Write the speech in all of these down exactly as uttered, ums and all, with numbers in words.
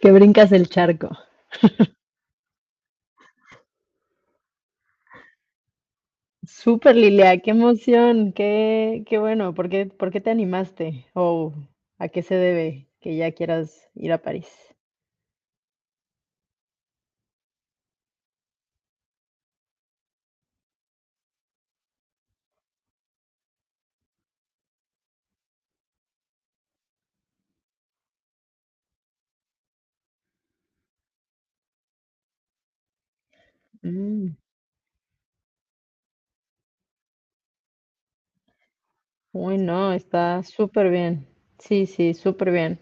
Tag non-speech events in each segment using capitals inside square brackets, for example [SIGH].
Que brincas el charco. Súper, Lilia, qué emoción, qué, qué bueno. ¿Por qué, por qué te animaste? ¿O a qué se debe que ya quieras ir a París? Mm, Uy, no, está súper bien. Sí, sí, súper bien.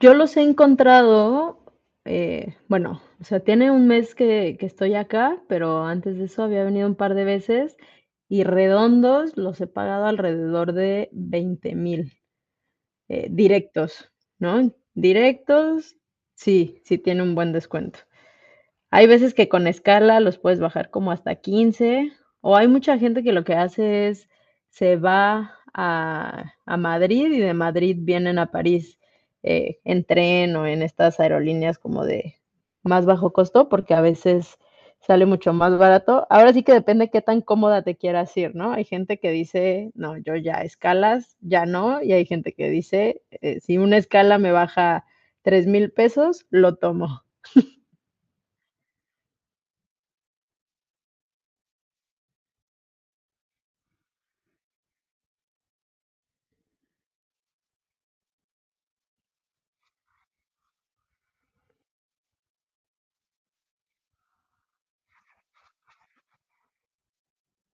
Yo los he encontrado, eh, bueno, o sea, tiene un mes que, que estoy acá, pero antes de eso había venido un par de veces y redondos los he pagado alrededor de veinte mil. Eh, directos, ¿no? Directos, sí, sí tiene un buen descuento. Hay veces que con escala los puedes bajar como hasta quince, o hay mucha gente que lo que hace es se va a a Madrid y de Madrid vienen a París, eh, en tren o en estas aerolíneas como de más bajo costo, porque a veces sale mucho más barato. Ahora sí que depende qué tan cómoda te quieras ir, ¿no? Hay gente que dice, no, yo ya escalas, ya no, y hay gente que dice, eh, si una escala me baja tres mil pesos, lo tomo.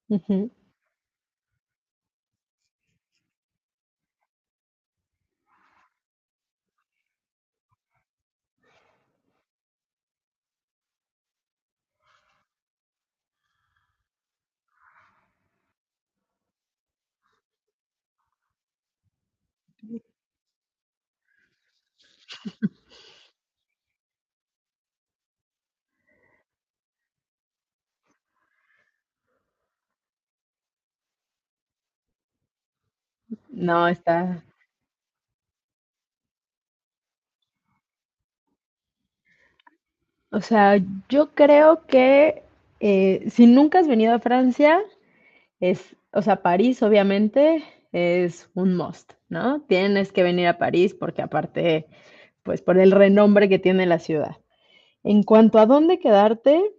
Ujú. No, está. O sea, yo creo que eh, si nunca has venido a Francia, es, o sea, París obviamente es un must, ¿no? Tienes que venir a París porque aparte, pues por el renombre que tiene la ciudad. En cuanto a dónde quedarte,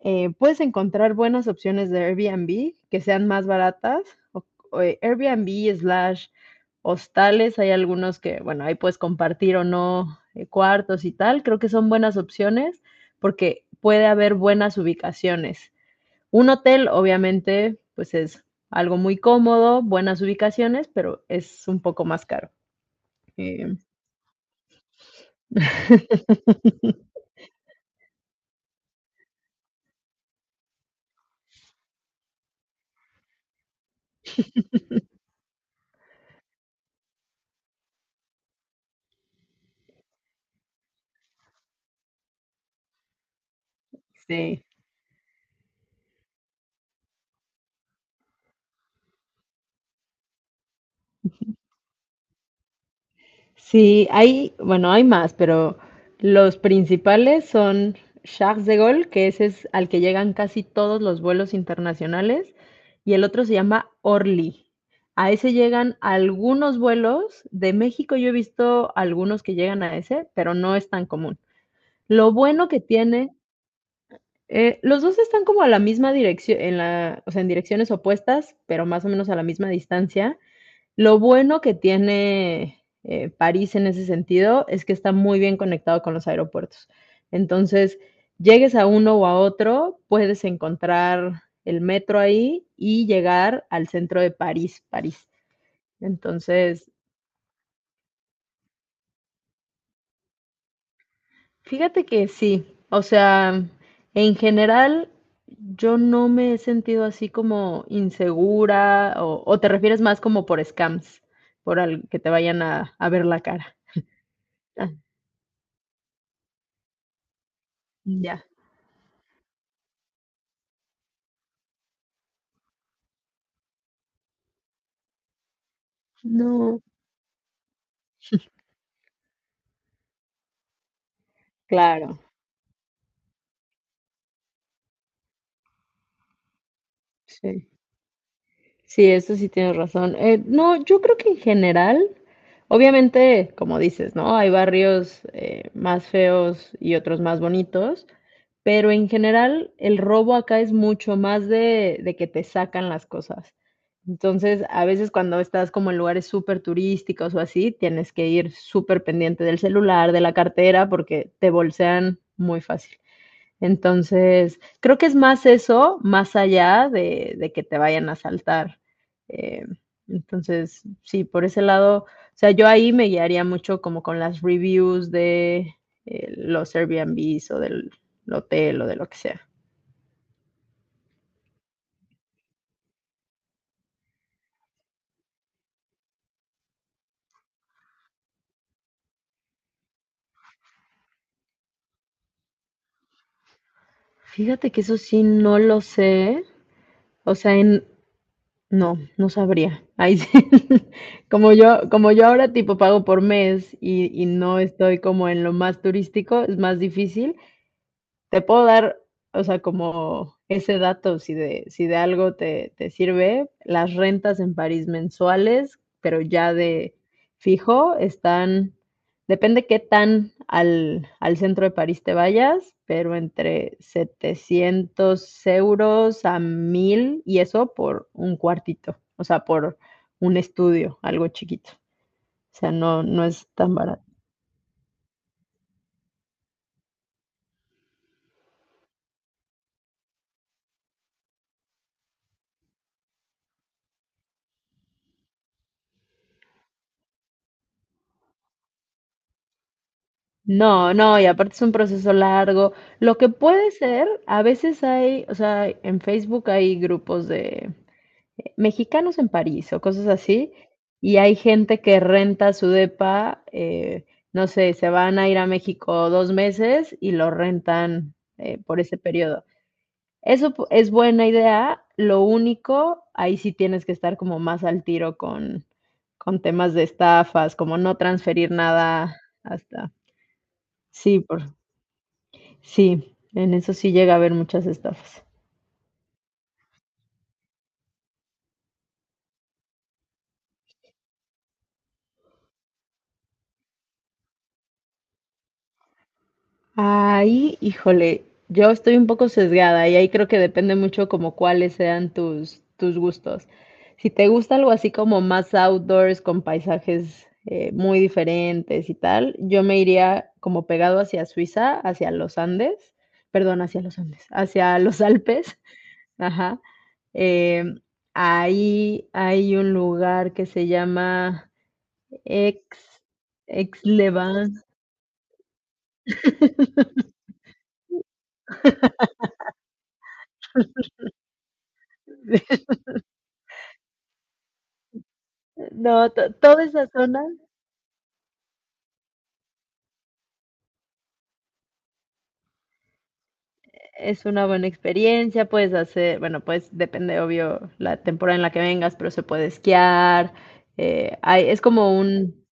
Eh, puedes encontrar buenas opciones de Airbnb que sean más baratas. o- o, eh, Airbnb slash hostales, hay algunos que, bueno, ahí puedes compartir o no eh, cuartos y tal. Creo que son buenas opciones porque puede haber buenas ubicaciones. Un hotel, obviamente, pues es algo muy cómodo, buenas ubicaciones, pero es un poco más caro. Em, [LAUGHS] sí. Sí, hay, bueno, hay más, pero los principales son Charles de Gaulle, que ese es al que llegan casi todos los vuelos internacionales, y el otro se llama Orly. A ese llegan algunos vuelos. De México yo he visto algunos que llegan a ese, pero no es tan común. Lo bueno que tiene, eh, los dos están como a la misma dirección, en la, o sea, en direcciones opuestas, pero más o menos a la misma distancia. Lo bueno que tiene, eh, París en ese sentido es que está muy bien conectado con los aeropuertos. Entonces, llegues a uno o a otro, puedes encontrar el metro ahí y llegar al centro de París, París. Entonces, fíjate que sí, o sea, en general yo no me he sentido así como insegura o, o te refieres más como por scams, por al- que te vayan a, a ver la cara. Ah, ya. No, Claro, sí. Sí, eso sí tienes razón. Eh, no, yo creo que en general, obviamente, como dices, ¿no? Hay barrios eh, más feos y otros más bonitos, pero en general el robo acá es mucho más de, de que te sacan las cosas. Entonces, a veces cuando estás como en lugares súper turísticos o así, tienes que ir súper pendiente del celular, de la cartera, porque te bolsean muy fácil. Entonces, creo que es más eso, más allá de, de que te vayan a asaltar. Eh, entonces, sí, por ese lado, o sea, yo ahí me guiaría mucho como con las reviews de eh, los Airbnbs o del hotel o de lo que sea. Fíjate que eso sí no lo sé. O sea, en, no, no sabría. Ahí sí. [LAUGHS] Como yo, como yo ahora tipo pago por mes y, y no estoy como en lo más turístico, es más difícil, te puedo dar, o sea, como ese dato, si de, si de algo te, te sirve, las rentas en París mensuales, pero ya de fijo, están, depende qué tan al, al centro de París te vayas, pero entre setecientos euros a mil y eso por un cuartito, o sea, por un estudio, algo chiquito. O sea, no, no es tan barato. No, no, y aparte es un proceso largo. Lo que puede ser, a veces hay, o sea, en Facebook hay grupos de eh, mexicanos en París o cosas así, y hay gente que renta su depa, eh, no sé, se van a ir a México dos meses y lo rentan eh, por ese periodo. Eso pu- es buena idea, lo único, ahí sí tienes que estar como más al tiro con, con temas de estafas, como no transferir nada hasta... Sí, por sí, en eso sí llega a haber muchas estafas. Ahí, híjole, yo estoy un poco sesgada y ahí creo que depende mucho como cuáles sean tus, tus gustos. Si te gusta algo así como más outdoors, con paisajes eh, muy diferentes y tal, yo me iría como pegado hacia Suiza, hacia los Andes, perdón, hacia los Andes, hacia los Alpes, [LAUGHS] ajá. Em, ahí hay un lugar que se llama Ex, Ex [LAUGHS] No, to toda esa zona es una buena experiencia, puedes hacer, bueno, pues depende, obvio, la temporada en la que vengas, pero se puede esquiar, eh, hay es como un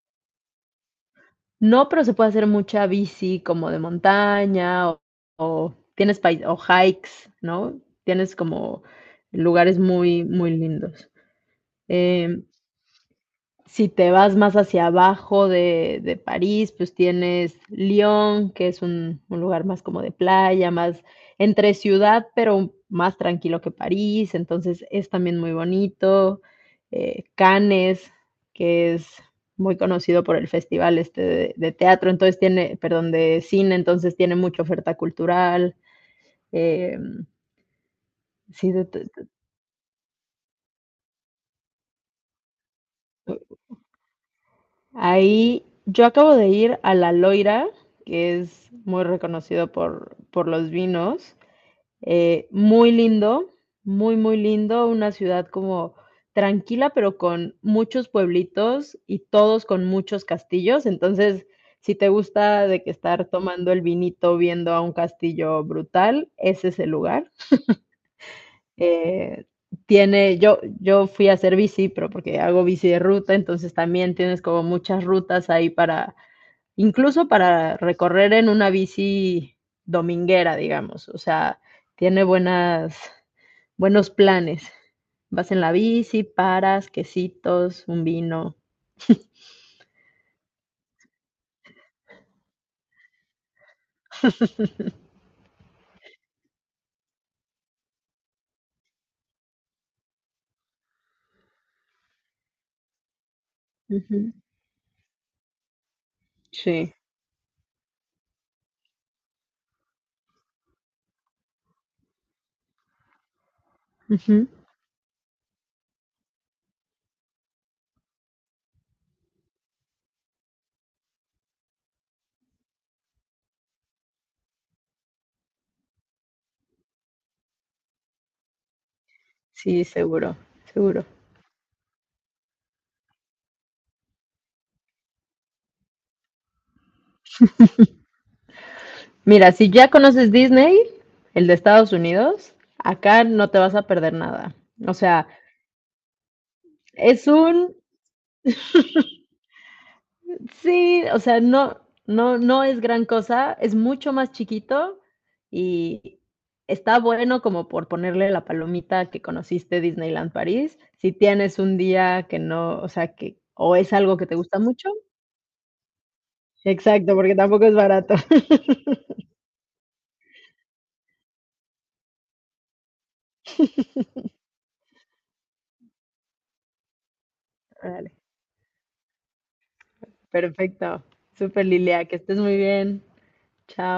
no, pero se puede hacer mucha bici como de montaña o o tienes pai o hikes, ¿no? Tienes como lugares muy, muy lindos. Eh, Si te vas más hacia abajo de, de París, pues tienes Lyon, que es un, un lugar más como de playa, más entre ciudad, pero más tranquilo que París, entonces es también muy bonito. Eh, Cannes, que es muy conocido por el festival este de, de, teatro, entonces tiene, perdón, de cine, entonces tiene mucha oferta cultural. Eh, sí, de, de, ahí yo acabo de ir a La Loira, que es muy reconocido por, por los vinos. Eh, muy lindo, muy, muy lindo. Una ciudad como tranquila, pero con muchos pueblitos y todos con muchos castillos. Entonces, si te gusta de que estar tomando el vinito viendo a un castillo brutal, ese es el lugar. Eh, tiene, yo, yo fui a hacer bici, pero porque hago bici de ruta, entonces también tienes como muchas rutas ahí para incluso para recorrer en una bici dominguera, digamos, o sea, tiene buenas, buenos planes. Vas en la bici, paras, quesitos, un vino. [LAUGHS] Ujú, sí, ujú, sí, seguro, seguro. Mira, si ya conoces Disney, el de Estados Unidos, acá no te vas a perder nada. O sea, es un sí, o sea, no, no, no es gran cosa, es mucho más chiquito y está bueno como por ponerle la palomita que conociste Disneyland París. Si tienes un día que no, o sea, que o es algo que te gusta mucho. Exacto, porque tampoco es barato. [LAUGHS] Vale, perfecto. Súper Lilia, que estés muy bien. Chao.